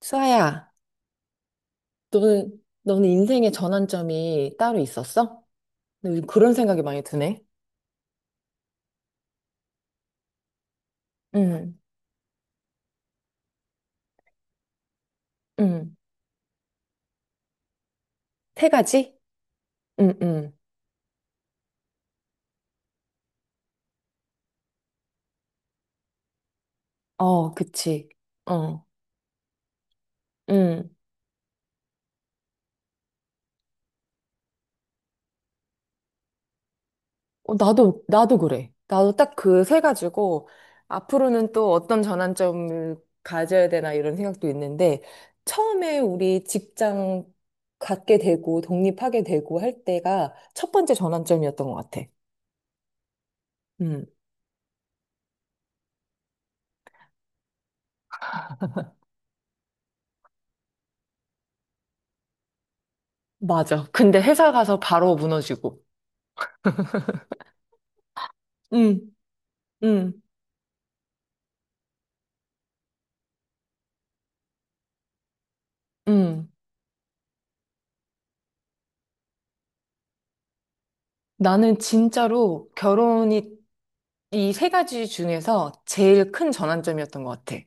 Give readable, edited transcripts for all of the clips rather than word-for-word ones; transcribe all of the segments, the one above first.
수아야, 너는 인생의 전환점이 따로 있었어? 나 요즘 그런 생각이 많이 드네. 응, 응, 세 가지? 응, 응. 어, 그치. 어. 응. 어, 나도 그래. 나도 딱 그 세 가지고, 앞으로는 또 어떤 전환점을 가져야 되나 이런 생각도 있는데, 처음에 우리 직장 갖게 되고, 독립하게 되고 할 때가 첫 번째 전환점이었던 것 같아. 응. 맞아. 근데 회사 가서 바로 무너지고. 응, 응, 응. 나는 진짜로 결혼이 이 세 가지 중에서 제일 큰 전환점이었던 것 같아.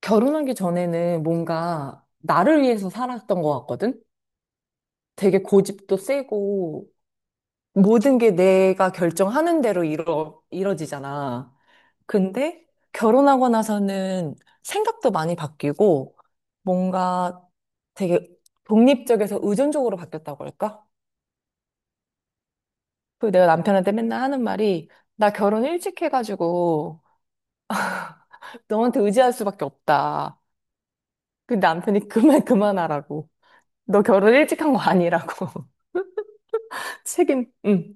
결혼하기 전에는 뭔가 나를 위해서 살았던 것 같거든? 되게 고집도 세고 모든 게 내가 결정하는 대로 이뤄지잖아. 근데 결혼하고 나서는 생각도 많이 바뀌고 뭔가 되게 독립적에서 의존적으로 바뀌었다고 할까? 그 내가 남편한테 맨날 하는 말이 나 결혼 일찍 해가지고 너한테 의지할 수밖에 없다. 근데 남편이 그만 그만하라고. 너 결혼 일찍 한 거 아니라고. 책임, 응.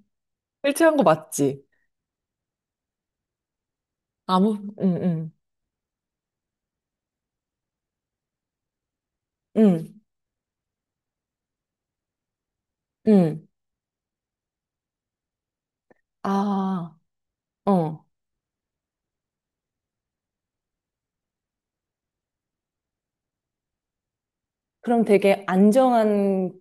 일찍 한 거 맞지? 아무, 응, 응, 응, 응. 아, 어. 그럼 되게 안정한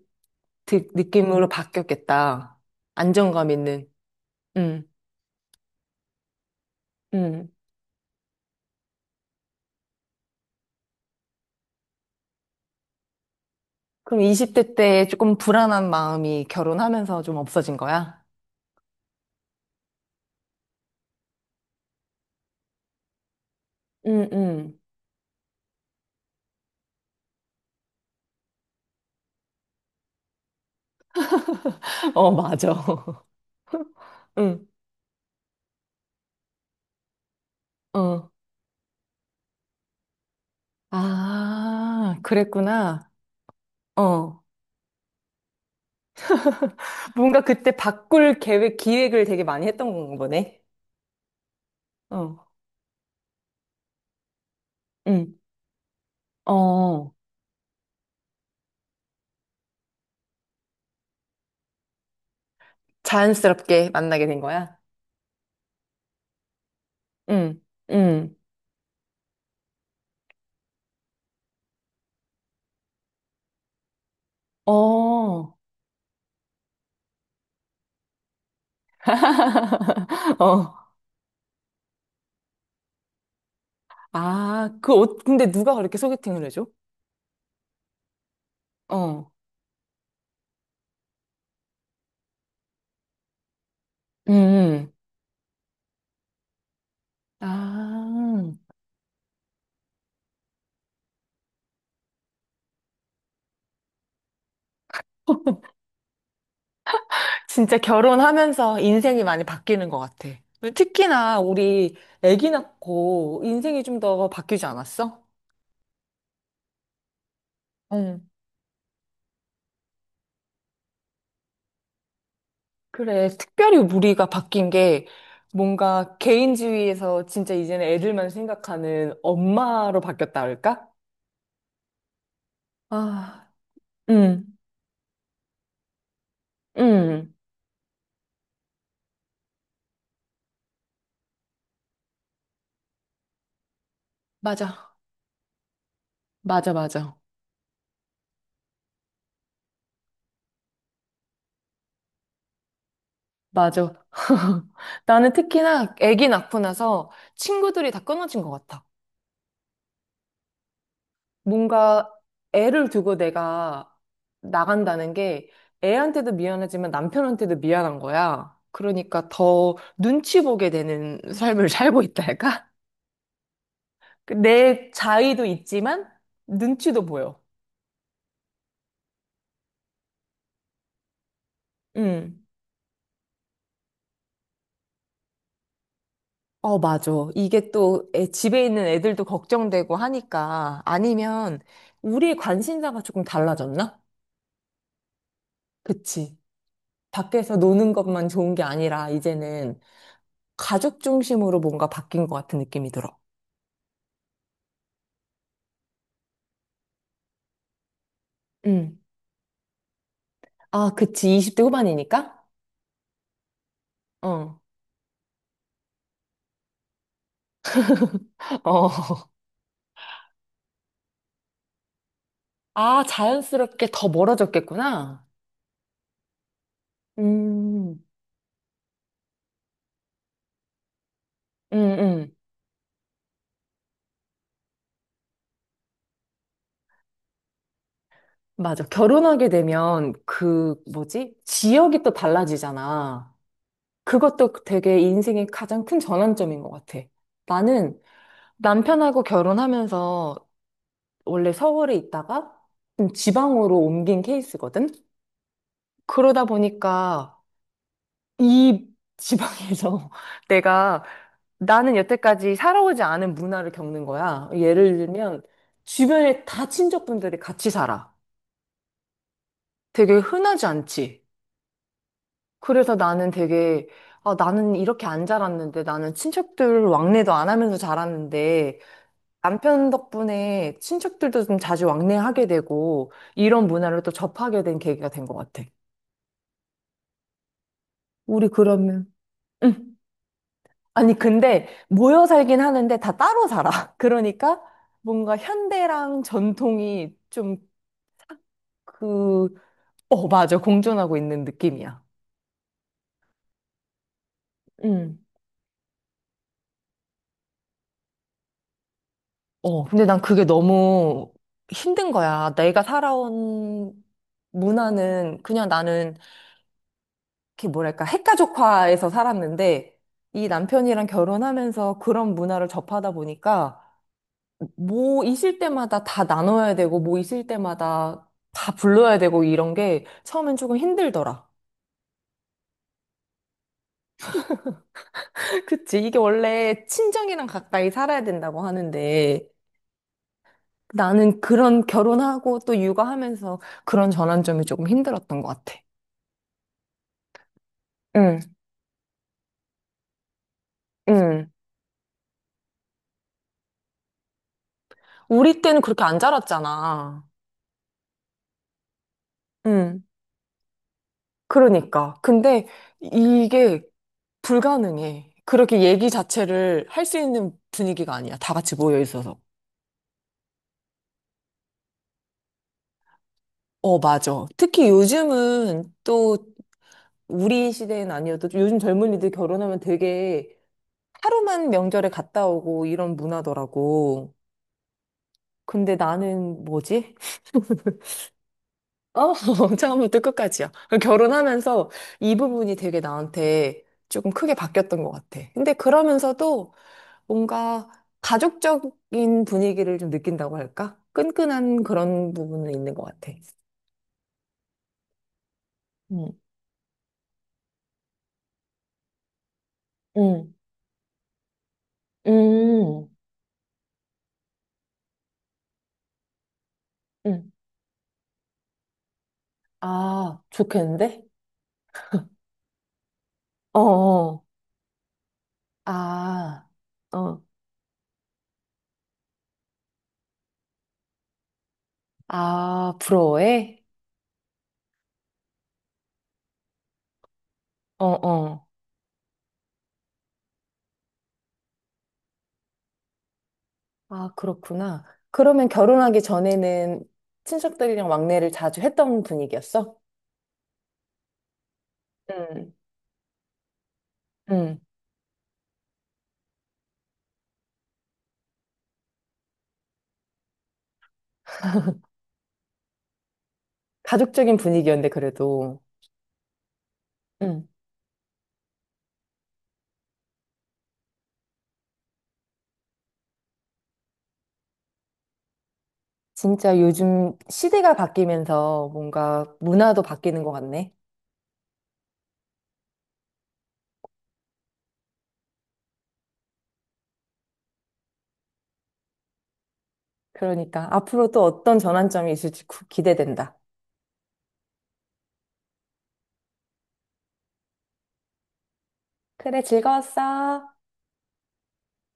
느낌으로 바뀌었겠다. 안정감 있는. 응, 응. 그럼 20대 때 조금 불안한 마음이 결혼하면서 좀 없어진 거야? 응, 응. 어, 맞아. 응, 어. 아, 그랬구나. 어. 뭔가 그때 바꿀 계획, 기획을 되게 많이 했던 건가 보네. 어, 응, 어. 자연스럽게 만나게 된 거야? 응, 응, 어. 어. 아, 근데 누가 그렇게 소개팅을 해줘? 어. 음. 아. 진짜 결혼하면서 인생이 많이 바뀌는 것 같아. 특히나 우리 아기 낳고 인생이 좀 더 바뀌지 않았어? 응, 그래. 특별히 우리가 바뀐 게 뭔가 개인주의에서 진짜 이제는 애들만 생각하는 엄마로 바뀌었다 할까? 아, 응, 응. 맞아. 맞아, 맞아. 맞아. 나는 특히나 아기 낳고 나서 친구들이 다 끊어진 것 같아. 뭔가 애를 두고 내가 나간다는 게 애한테도 미안하지만 남편한테도 미안한 거야. 그러니까 더 눈치 보게 되는 삶을 살고 있다 할까? 그내 자의도 있지만 눈치도 보여. 응. 어, 맞아. 이게 또 집에 있는 애들도 걱정되고 하니까 아니면 우리의 관심사가 조금 달라졌나? 그치. 밖에서 노는 것만 좋은 게 아니라 이제는 가족 중심으로 뭔가 바뀐 것 같은 느낌이 들어. 응. 아, 그치. 20대 후반이니까? 어. 어. 아, 자연스럽게 더 멀어졌겠구나. 음, 음, 음. 맞아. 결혼하게 되면 그, 뭐지? 지역이 또 달라지잖아. 그것도 되게 인생의 가장 큰 전환점인 것 같아. 나는 남편하고 결혼하면서 원래 서울에 있다가 좀 지방으로 옮긴 케이스거든? 그러다 보니까 이 지방에서 내가 나는 여태까지 살아오지 않은 문화를 겪는 거야. 예를 들면 주변에 다 친척분들이 같이 살아. 되게 흔하지 않지. 그래서 나는 되게 아, 나는 이렇게 안 자랐는데 나는 친척들 왕래도 안 하면서 자랐는데 남편 덕분에 친척들도 좀 자주 왕래하게 되고 이런 문화를 또 접하게 된 계기가 된 것 같아. 우리 그러면 응. 아니, 근데 모여 살긴 하는데 다 따로 살아. 그러니까 뭔가 현대랑 전통이 좀 그, 어, 맞아. 공존하고 있는 느낌이야. 응. 어, 근데 난 그게 너무 힘든 거야. 내가 살아온 문화는 그냥 나는 이렇게 뭐랄까 핵가족화에서 살았는데 이 남편이랑 결혼하면서 그런 문화를 접하다 보니까 뭐 있을 때마다 다 나눠야 되고, 뭐 있을 때마다 다 불러야 되고, 이런 게 처음엔 조금 힘들더라. 그치. 이게 원래 친정이랑 가까이 살아야 된다고 하는데, 나는 그런 결혼하고 또 육아하면서 그런 전환점이 조금 힘들었던 것 같아. 응, 응. 우리 때는 그렇게 안 자랐잖아. 응. 그러니까. 근데 이게 불가능해. 그렇게 얘기 자체를 할 수 있는 분위기가 아니야. 다 같이 모여 있어서. 어, 맞아. 특히 요즘은 또 우리 시대는 아니어도 요즘 젊은이들 결혼하면 되게 하루만 명절에 갔다 오고 이런 문화더라고. 근데 나는 뭐지? 어, 처음부터 끝까지야. 결혼하면서 이 부분이 되게 나한테 조금 크게 바뀌었던 것 같아. 근데 그러면서도 뭔가 가족적인 분위기를 좀 느낀다고 할까? 끈끈한 그런 부분은 있는 것 같아. 음, 음, 음, 음. 아, 좋겠는데? 어, 어, 아, 어, 아, 부러워해? 어, 어. 아, 그렇구나. 그러면 결혼하기 전에는 친척들이랑 왕래를 자주 했던 분위기였어? 응, 응, 가족적인 분위기였는데, 그래도. 응. 진짜 요즘 시대가 바뀌면서 뭔가 문화도 바뀌는 것 같네. 그러니까 앞으로 또 어떤 전환점이 있을지 기대된다. 그래, 즐거웠어.